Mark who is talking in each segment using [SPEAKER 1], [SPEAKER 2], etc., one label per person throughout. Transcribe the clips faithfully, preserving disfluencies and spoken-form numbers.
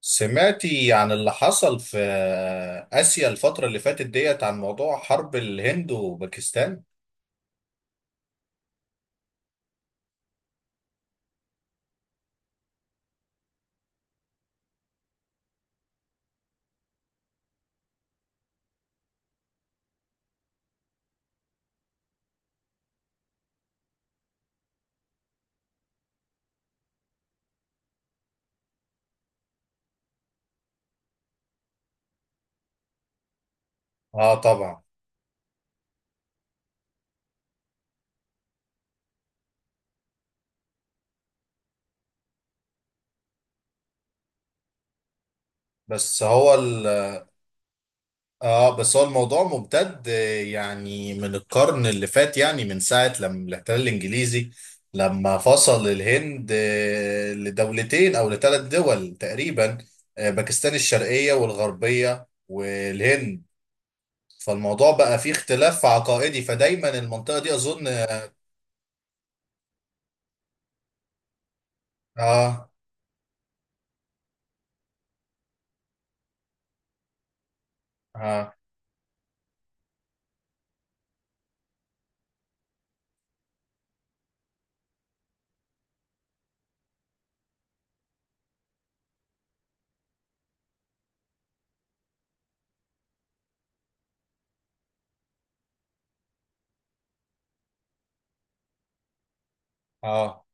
[SPEAKER 1] سمعتي عن اللي حصل في آسيا الفترة اللي فاتت ديت عن موضوع حرب الهند وباكستان؟ اه، طبعا. بس هو ال اه بس هو الموضوع ممتد، آه، يعني من القرن اللي فات، يعني من ساعة لما الاحتلال الانجليزي لما فصل الهند آه، لدولتين او لثلاث دول تقريبا. آه، باكستان الشرقية والغربية والهند. فالموضوع بقى فيه اختلاف عقائدي، فدايما المنطقة دي اظن اه اه اه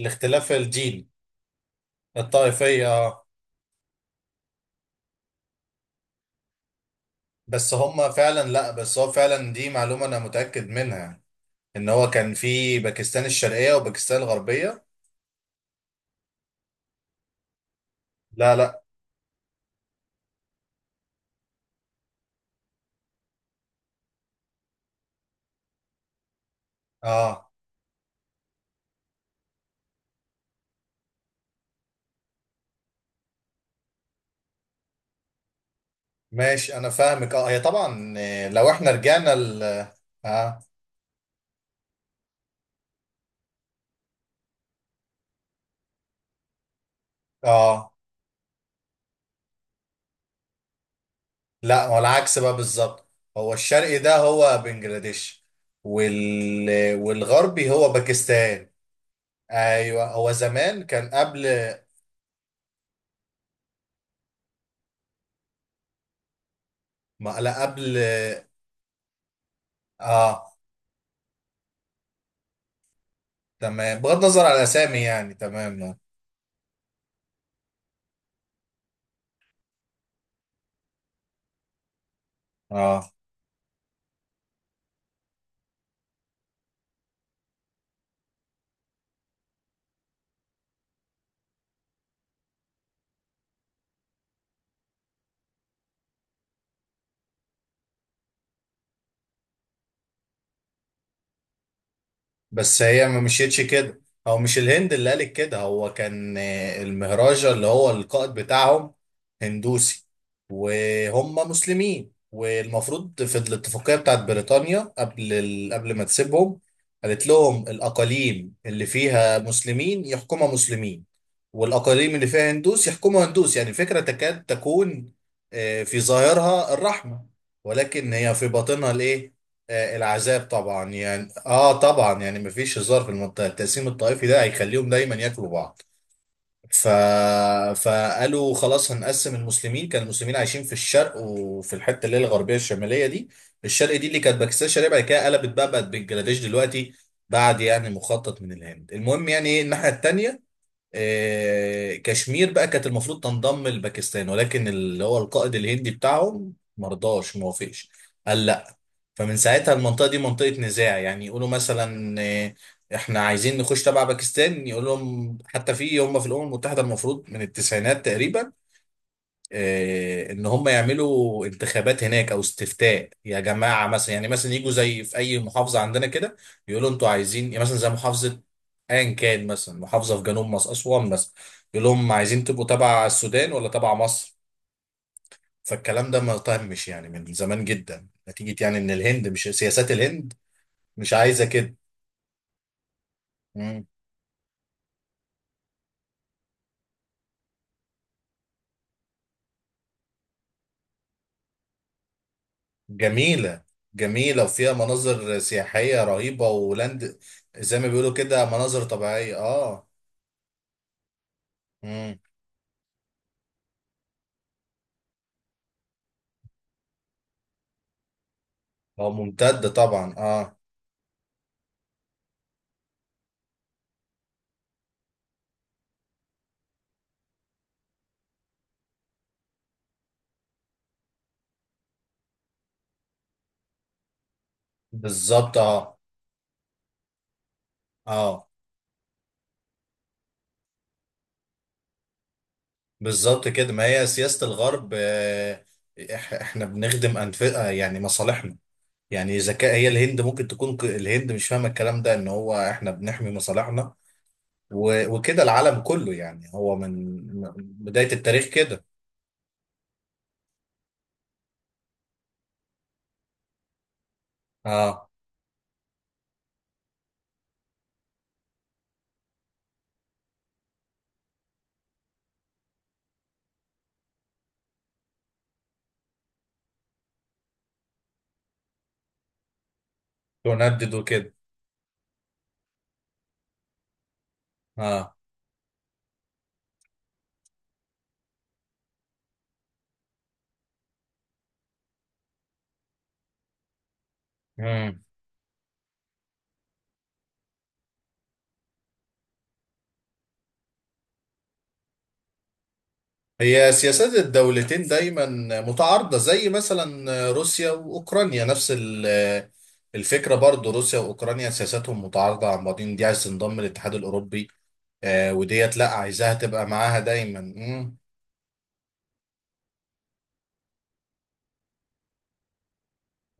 [SPEAKER 1] الاختلاف الجين الطائفية. اه. بس هم فعلا لا بس هو فعلا دي معلومة انا متأكد منها، ان هو كان في باكستان الشرقية وباكستان الغربية. لا، لا. اه، ماشي، انا فاهمك. اه، هي طبعا، آه، لو احنا رجعنا ال اه اه لا، هو العكس بقى بالظبط. هو الشرقي ده هو بنجلاديش، وال والغربي هو باكستان. ايوه، هو زمان كان قبل ما لا قبل. اه، تمام، بغض النظر على الاسامي يعني. تمام. اه، بس هي ما مشيتش كده. هو مش الهند اللي قالت كده، هو كان آه، المهراجة اللي هو القائد بتاعهم هندوسي، وهم مسلمين، والمفروض في الاتفاقية بتاعت بريطانيا قبل ال... قبل ما تسيبهم قالت لهم الأقاليم اللي فيها مسلمين يحكمها مسلمين، والأقاليم اللي فيها هندوس يحكمها هندوس. يعني الفكرة تكاد تكون آه، في ظاهرها الرحمة، ولكن هي في باطنها الإيه؟ آه، العذاب طبعا يعني. اه، طبعا يعني مفيش هزار في المنطقه، التقسيم الطائفي ده هيخليهم دايما ياكلوا بعض. ف... فقالوا خلاص هنقسم المسلمين. كان المسلمين عايشين في الشرق، وفي الحته اللي هي الغربيه الشماليه دي. الشرق دي اللي كانت باكستان الشرقيه، بعد كده قلبت بقى، بقت بنجلاديش دلوقتي، بعد يعني مخطط من الهند. المهم يعني ايه، الناحيه التانيه آه كشمير بقى كانت المفروض تنضم لباكستان، ولكن اللي هو القائد الهندي بتاعهم مرضاش، موافقش، قال لا. فمن ساعتها المنطقة دي منطقة نزاع. يعني يقولوا مثلا آه، احنا عايزين نخش تبع باكستان، يقول لهم. حتى في هم في الأمم المتحدة، المفروض من التسعينات تقريبا آه، ان هم يعملوا انتخابات هناك او استفتاء. يا جماعة، مثلا يعني مثلا يجوا زي في اي محافظة عندنا كده، يقولوا انتوا عايزين يعني مثلا زي محافظة، ايا كان، مثلا محافظة في جنوب مصر، أسوان مثلا. يقول لهم عايزين تبقوا تبع السودان ولا تبع مصر. فالكلام ده ما تمش يعني من زمان جدا، نتيجة يعني ان الهند مش، سياسات الهند مش عايزة كده. مم. جميلة. جميلة وفيها مناظر سياحية رهيبة ولاند. زي ما بيقولوا كده مناظر طبيعية. اه. مم. اه، ممتدة طبعا. اه، بالظبط. اه، اه، بالظبط كده. ما هي سياسة الغرب. آه إح- احنا بنخدم أنف آه، يعني مصالحنا. يعني إذا كان هي الهند ممكن تكون ك- الهند مش فاهمة الكلام ده، إن هو احنا بنحمي مصالحنا، و- وكده العالم كله. يعني هو من من بداية التاريخ كده. اه، تندد وكده. اه. مم. هي سياسات الدولتين دايما متعارضة، زي مثلا روسيا وأوكرانيا نفس ال- الفكرة برضو. روسيا وأوكرانيا سياساتهم متعارضة عن بعضين، دي عايز تنضم للاتحاد الأوروبي، آه وديت لا، عايزاها تبقى معاها دايما. مم.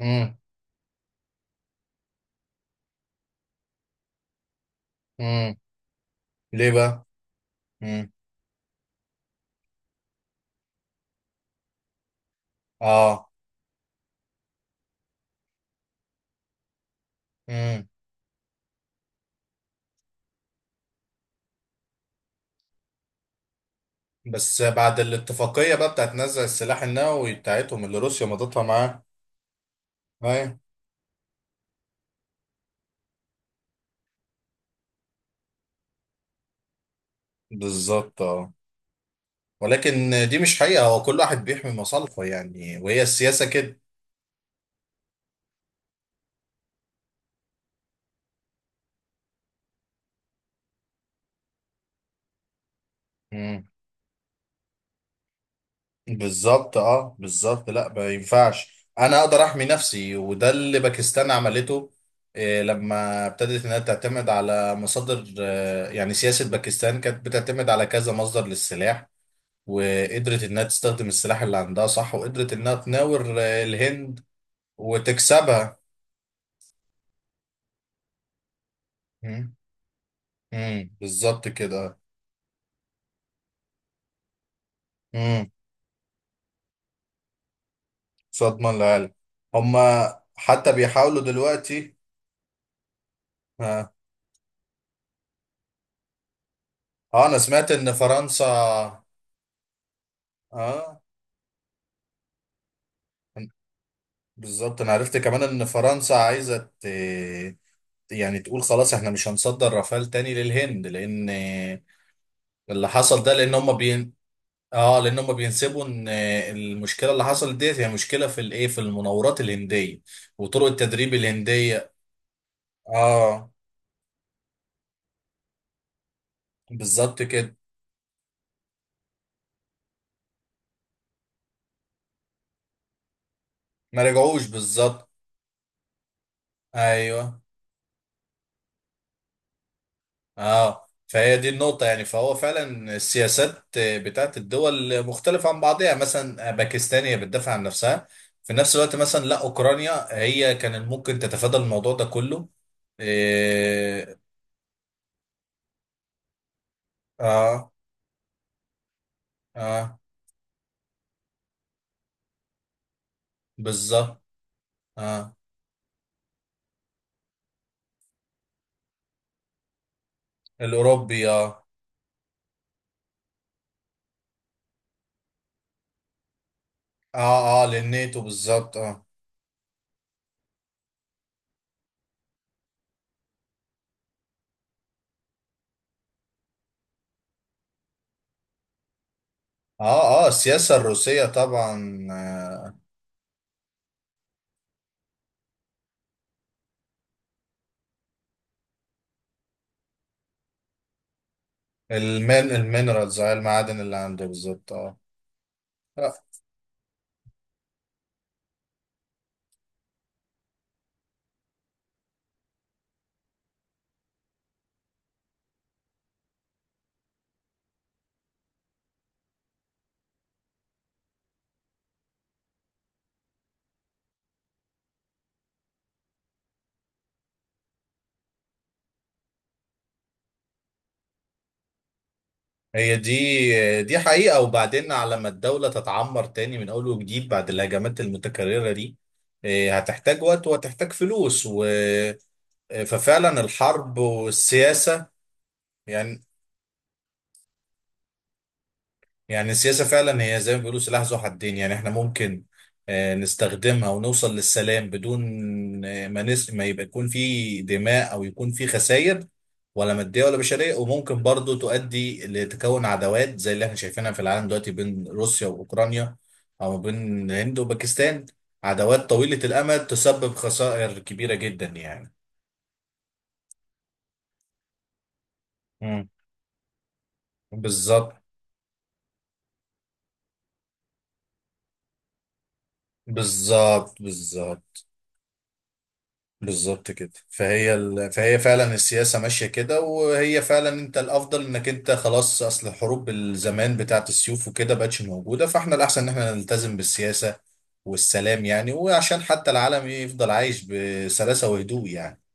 [SPEAKER 1] مم. مم. ليه بقى؟ مم. اه. مم. بس بعد الاتفاقية بقى بتاعت نزع السلاح النووي بتاعتهم اللي روسيا مضتها معاه. ايوه. بالظبط، اه. ولكن دي مش حقيقة، هو كل واحد بيحمي مصالحه يعني، وهي السياسة كده. مم. بالظبط. اه، بالظبط. لا، ما ينفعش، انا اقدر احمي نفسي، وده اللي باكستان عملته. إيه، لما ابتدت انها تعتمد على مصادر، آه، يعني سياسة باكستان كانت بتعتمد على كذا مصدر للسلاح، وقدرت انها تستخدم السلاح اللي عندها، صح؟ وقدرت انها تناور آه، الهند وتكسبها. مم. مم. بالظبط كده. مم. مش هضمن العالم. هما حتى بيحاولوا دلوقتي. اه, آه انا سمعت ان فرنسا. اه، بالظبط، انا عرفت كمان ان فرنسا عايزة ت... يعني تقول خلاص احنا مش هنصدر رافال تاني للهند، لان اللي حصل ده، لان هما بين. اه، لان هما بينسبوا ان المشكله اللي حصلت ديت هي مشكله في الايه، في المناورات الهنديه وطرق التدريب الهنديه. اه، بالظبط كده. ما رجعوش، بالظبط. ايوه. اه، فهي دي النقطة يعني. فهو فعلا السياسات بتاعت الدول مختلفة عن بعضها، يعني مثلا باكستان هي بتدافع عن نفسها في نفس الوقت. مثلا لا، أوكرانيا هي كان ممكن تتفادى الموضوع ده كله. إيه. اه. اه، بالظبط. اه، الأوروبي. اه. اه. اه، للناتو بالظبط. اه. اه. اه، السياسة الروسية طبعا. آه المين المينرالز، آه، المعادن اللي عنده، بالظبط. اه، آه، هي دي دي حقيقة. وبعدين على ما الدولة تتعمر تاني من أول وجديد بعد الهجمات المتكررة دي، إيه، هتحتاج وقت وهتحتاج فلوس و... آه، ففعلا الحرب والسياسة يعني. يعني السياسة فعلا هي زي ما بيقولوا سلاح ذو حدين. يعني احنا ممكن آه، نستخدمها ونوصل للسلام بدون آه، ما نس... ما يبقى يكون في دماء او يكون في خسائر، ولا مادية ولا بشرية. وممكن برضو تؤدي لتكون عداوات زي اللي احنا شايفينها في العالم دلوقتي بين روسيا واوكرانيا، او بين الهند وباكستان. عداوات طويلة الامد تسبب خسائر كبيرة جدا يعني. مم. بالظبط، بالظبط، بالظبط، بالظبط كده. فهي ال... فهي فعلا السياسة ماشية كده، وهي فعلا انت الافضل انك انت خلاص. اصل الحروب الزمان بتاعت السيوف وكده بقتش موجودة، فاحنا الاحسن ان احنا نلتزم بالسياسة والسلام يعني. وعشان حتى العالم يفضل عايش بسلاسة وهدوء يعني.